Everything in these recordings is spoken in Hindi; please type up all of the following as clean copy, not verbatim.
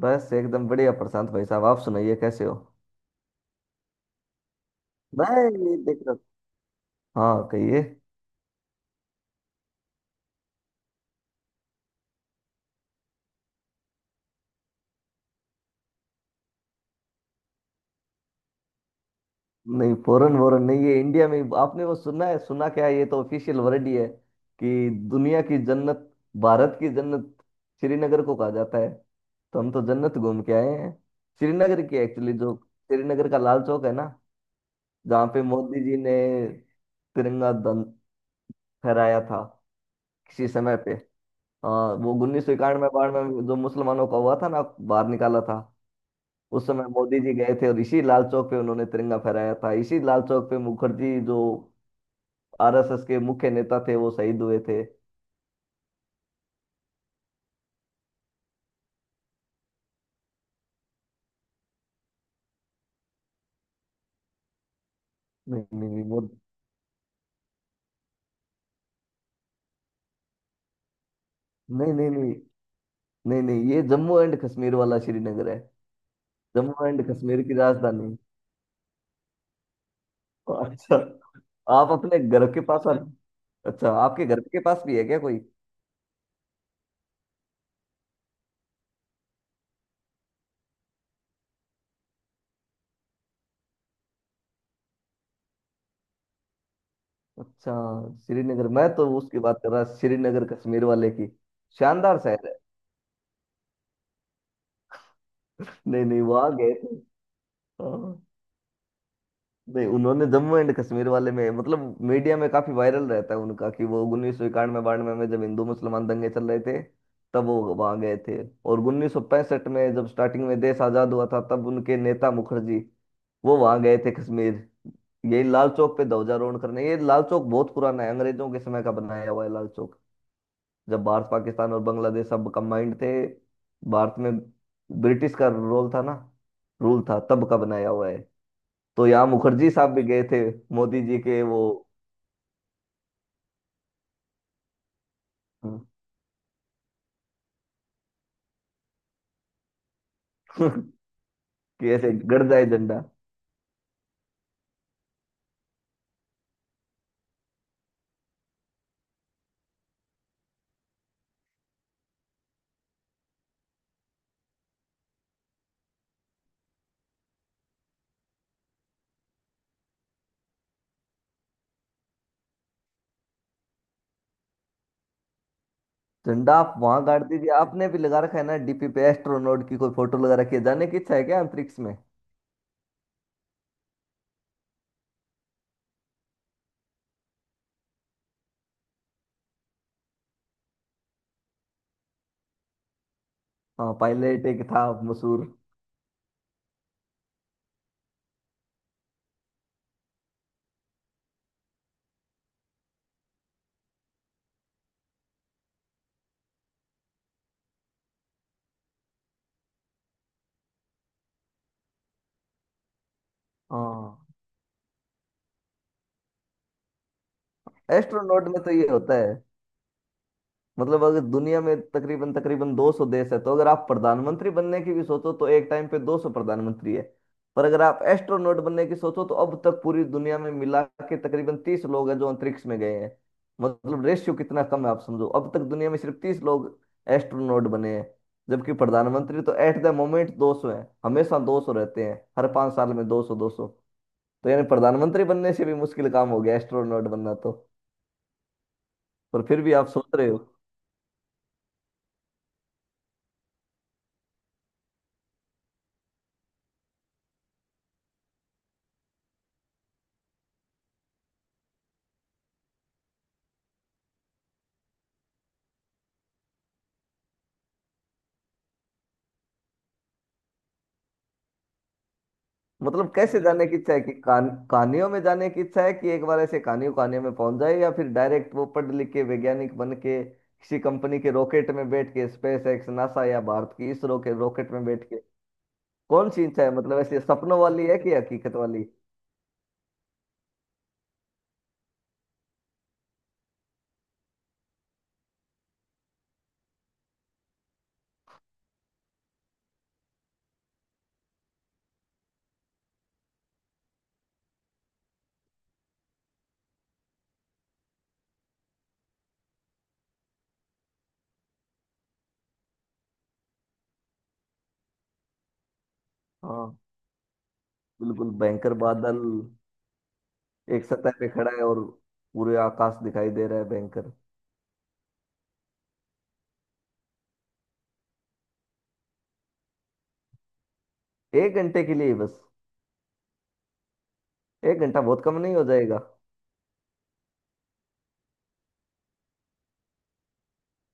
बस एकदम बढ़िया प्रशांत भाई साहब, आप सुनाइए कैसे हो। मैं ये देख रहा था। हाँ, कहिए। नहीं, फॉरेन वॉरेन नहीं, ये इंडिया में ही- आपने वो सुना है, सुना क्या है, ये तो ऑफिशियल वर्ड ही है कि दुनिया की जन्नत, भारत की जन्नत श्रीनगर को कहा जाता है। तो हम तो जन्नत घूम के आए हैं, श्रीनगर की। एक्चुअली जो श्रीनगर का लाल चौक है ना, जहाँ पे मोदी जी ने तिरंगा दं फहराया था किसी समय पे। हाँ, वो 1991 बाढ़ में जो मुसलमानों का हुआ था ना, बाहर निकाला था। उस समय मोदी जी गए थे और इसी लाल चौक पे उन्होंने तिरंगा फहराया था। इसी लाल चौक पे मुखर्जी, जो आरएसएस के मुख्य नेता थे, वो शहीद हुए थे। नहीं नहीं नहीं, वो नहीं नहीं नहीं नहीं नहीं, ये जम्मू एंड कश्मीर वाला श्रीनगर है, जम्मू एंड कश्मीर की राजधानी। अच्छा, आप अपने घर के पास आ-। अच्छा, आपके घर के पास भी है क्या कोई। अच्छा, श्रीनगर मैं तो उसकी बात कर रहा, श्रीनगर कश्मीर वाले की। शानदार शहर है। नहीं नहीं, वहां गए थे। हाँ। नहीं, उन्होंने जम्मू एंड कश्मीर वाले में, मतलब मीडिया में काफी वायरल रहता है उनका कि वो 1991-92 में जब हिंदू मुसलमान दंगे चल रहे थे, तब वो वहां गए थे। और 1965 में जब स्टार्टिंग में देश आजाद हुआ था, तब उनके नेता मुखर्जी वो वहां गए थे कश्मीर, यही लाल चौक पे ध्वजारोहण करने। ये लाल चौक बहुत पुराना है, अंग्रेजों के समय का बनाया हुआ है लाल चौक। जब भारत पाकिस्तान और बांग्लादेश सब कंबाइंड थे भारत में, ब्रिटिश का रोल था ना, रूल था, तब का बनाया हुआ है। तो यहाँ मुखर्जी साहब भी गए थे मोदी जी के वो। कि ऐसे गड़ जाए झंडा। झंडा आप वहां गाड़ दीजिए। आपने भी लगा रखा है ना डीपी पे, एस्ट्रोनॉट की कोई फोटो लगा रखी है, जाने की इच्छा है क्या अंतरिक्ष में? हाँ, पायलट एक था मशहूर। हाँ, एस्ट्रोनॉट में तो ये होता है, मतलब अगर दुनिया में तकरीबन तकरीबन 200 देश है, तो अगर आप प्रधानमंत्री बनने की भी सोचो तो एक टाइम पे 200 प्रधानमंत्री है। पर अगर आप एस्ट्रोनॉट बनने की सोचो तो अब तक पूरी दुनिया में मिला के तकरीबन 30 लोग हैं जो अंतरिक्ष में गए हैं। मतलब रेशियो कितना कम है आप समझो, अब तक दुनिया में सिर्फ 30 लोग एस्ट्रोनॉट बने हैं, जबकि प्रधानमंत्री तो एट द मोमेंट 200 हैं। हमेशा 200 रहते हैं, हर पांच साल में 200 200। तो यानी प्रधानमंत्री बनने से भी मुश्किल काम हो गया एस्ट्रोनॉट बनना तो। पर फिर भी आप सोच रहे हो। मतलब कैसे जाने की इच्छा है, कि कान कहानियों में जाने की इच्छा है, कि एक बार ऐसे कहानियों कहानियों में पहुंच जाए, या फिर डायरेक्ट वो पढ़ लिख के वैज्ञानिक बन के किसी कंपनी के रॉकेट में बैठ के, स्पेस एक्स, नासा या भारत की इसरो के रॉकेट में बैठ के? कौन सी इच्छा है, मतलब ऐसे सपनों वाली है कि हकीकत वाली? हाँ, बिल्कुल भयंकर बादल। एक सतह पे खड़ा है और पूरे आकाश दिखाई दे रहा है भयंकर। एक घंटे के लिए ही बस? एक घंटा बहुत कम नहीं हो जाएगा?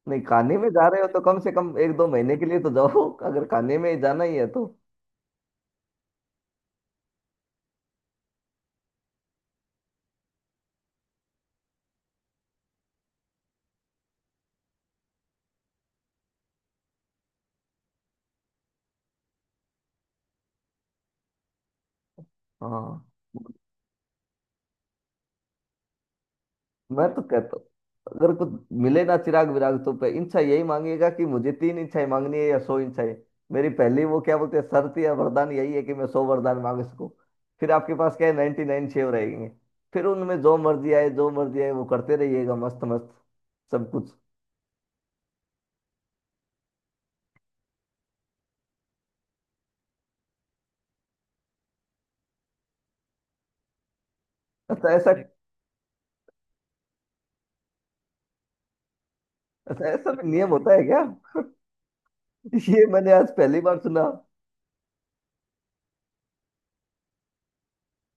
नहीं, कहानी में जा रहे हो तो कम से कम एक दो महीने के लिए तो जाओ अगर कहानी में ही जाना ही है तो। हाँ, मैं तो कहता हूँ अगर कुछ मिले ना चिराग विराग तो पे इच्छा यही मांगिएगा कि मुझे तीन इच्छाएं मांगनी है या 100 इच्छाएं। मेरी पहली वो क्या बोलते हैं, शर्त या वरदान, यही है कि मैं 100 वरदान मांग सकूं। फिर आपके पास क्या है, 99 शेव रहेंगे। फिर उनमें जो मर्जी आए, जो मर्जी आए वो करते रहिएगा मस्त मस्त, सब कुछ। अच्छा, ऐसा? अच्छा, ऐसा भी नियम होता है क्या? ये मैंने आज पहली बार सुना।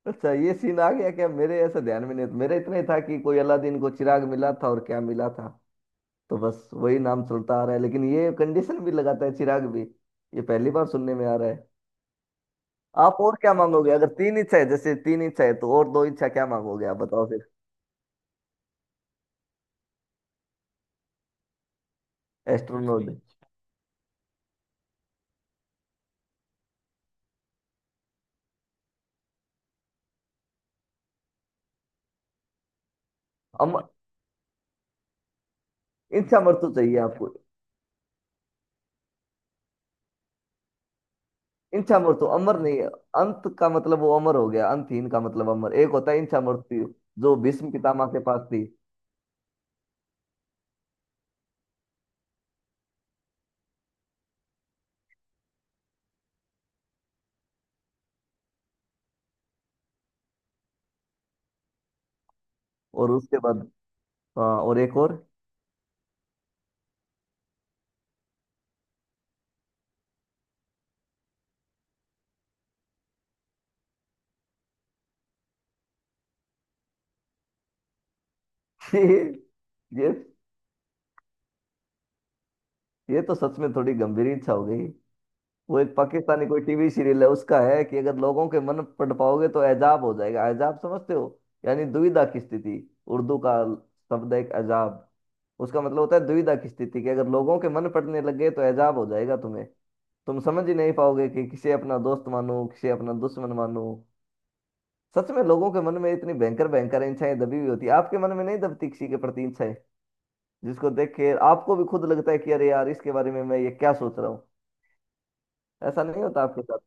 अच्छा, ये सीन आ गया क्या, मेरे ऐसा ध्यान में नहीं था। मेरा इतना ही था कि कोई अलादीन को चिराग मिला था, और क्या मिला था, तो बस वही नाम चलता आ रहा है। लेकिन ये कंडीशन भी लगाता है चिराग भी, ये पहली बार सुनने में आ रहा है। आप और क्या मांगोगे अगर तीन इच्छा है? जैसे तीन इच्छा है तो और दो इच्छा क्या मांगोगे आप बताओ फिर। एस्ट्रोनॉट। अमर, इच्छा मृत्यु चाहिए आपको? इच्छा मृत्यु अमर नहीं है। अंत का मतलब वो अमर हो गया, अंतहीन का मतलब अमर। एक होता है इच्छा मृत्यु, जो भीष्म पितामह के पास थी। और उसके बाद? हाँ, और एक और। ये ये ये तो सच में थोड़ी गंभीर इच्छा हो गई। वो एक पाकिस्तानी कोई टीवी सीरियल है, उसका है कि अगर लोगों के मन पढ़ पाओगे तो एजाब हो जाएगा। एजाब समझते हो, यानी दुविधा की स्थिति। उर्दू का शब्द है एक, एजाब। उसका मतलब होता है दुविधा की स्थिति, कि अगर लोगों के मन पड़ने लग गए तो एजाब हो जाएगा तुम्हें। तुम समझ ही नहीं पाओगे कि किसे अपना दोस्त मानूं, किसे अपना दुश्मन मानूं। सच में लोगों के मन में इतनी भयंकर भयंकर इच्छाएं दबी हुई होती है। आपके मन में नहीं दबती किसी के प्रति इच्छाएं, जिसको देख के आपको भी खुद लगता है कि अरे यार, इसके बारे में मैं ये क्या सोच रहा हूँ। ऐसा नहीं होता आपके साथ?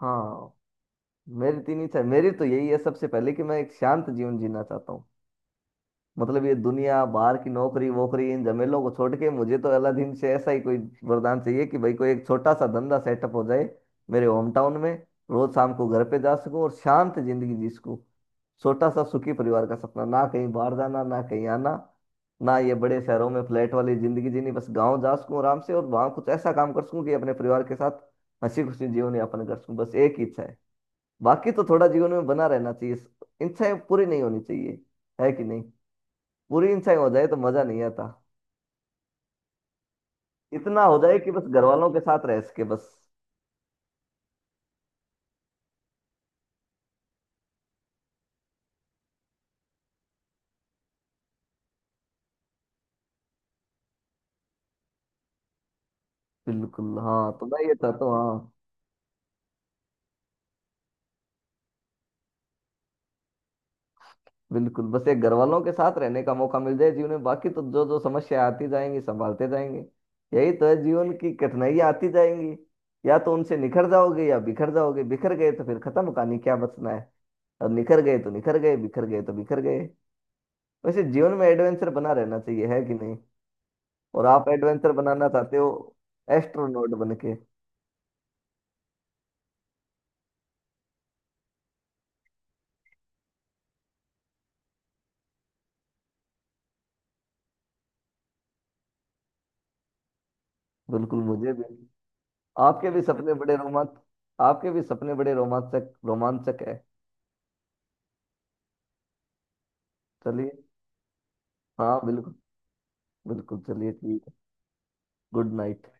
हाँ, मेरी तीन इच्छा, मेरी तो यही है सबसे पहले कि मैं एक शांत जीवन जीना चाहता हूँ। मतलब ये दुनिया बाहर की नौकरी वोकरी, इन झमेलों को छोड़ के मुझे तो अलादीन से ऐसा ही कोई वरदान चाहिए कि भाई कोई एक छोटा सा धंधा सेटअप हो जाए मेरे होम टाउन में, रोज शाम को घर पे जा सकूं और शांत जिंदगी जी सकूं। छोटा सा सुखी परिवार का सपना, ना कहीं बाहर जाना ना कहीं आना, ना ये बड़े शहरों में फ्लैट वाली जिंदगी जीनी, बस गांव जा सकूं आराम से और वहां कुछ ऐसा काम कर सकूं कि अपने परिवार के साथ हंसी खुशी जीवन यापन कर सकूं, बस एक ही इच्छा है। बाकी तो थोड़ा जीवन में बना रहना चाहिए, इच्छाएं पूरी नहीं होनी चाहिए, है कि नहीं। पूरी इच्छाएं हो जाए तो मजा नहीं आता। इतना हो जाए कि बस घर वालों के साथ रह सके, बस। बिल्कुल, हाँ तो मैं ये चाहता हूँ, हाँ। बिल्कुल, बस एक घर वालों के साथ रहने का मौका मिल जाए जीवन में, बाकी तो जो जो समस्या आती जाएंगी संभालते जाएंगे। यही तो है जीवन की, कठिनाइयां आती जाएंगी, या तो उनसे निखर जाओगे या बिखर जाओगे। बिखर गए तो फिर खत्म कहानी, क्या बचना है। और निखर गए तो निखर गए, बिखर गए तो बिखर गए। वैसे जीवन में एडवेंचर बना रहना चाहिए, है कि नहीं। और आप एडवेंचर बनाना चाहते हो एस्ट्रोनॉट बन के। बिल्कुल, मुझे भी। आपके भी सपने बड़े रोमांच आपके भी सपने बड़े रोमांचक रोमांचक है। चलिए, हाँ बिल्कुल। बिल्कुल, चलिए ठीक है। Good night.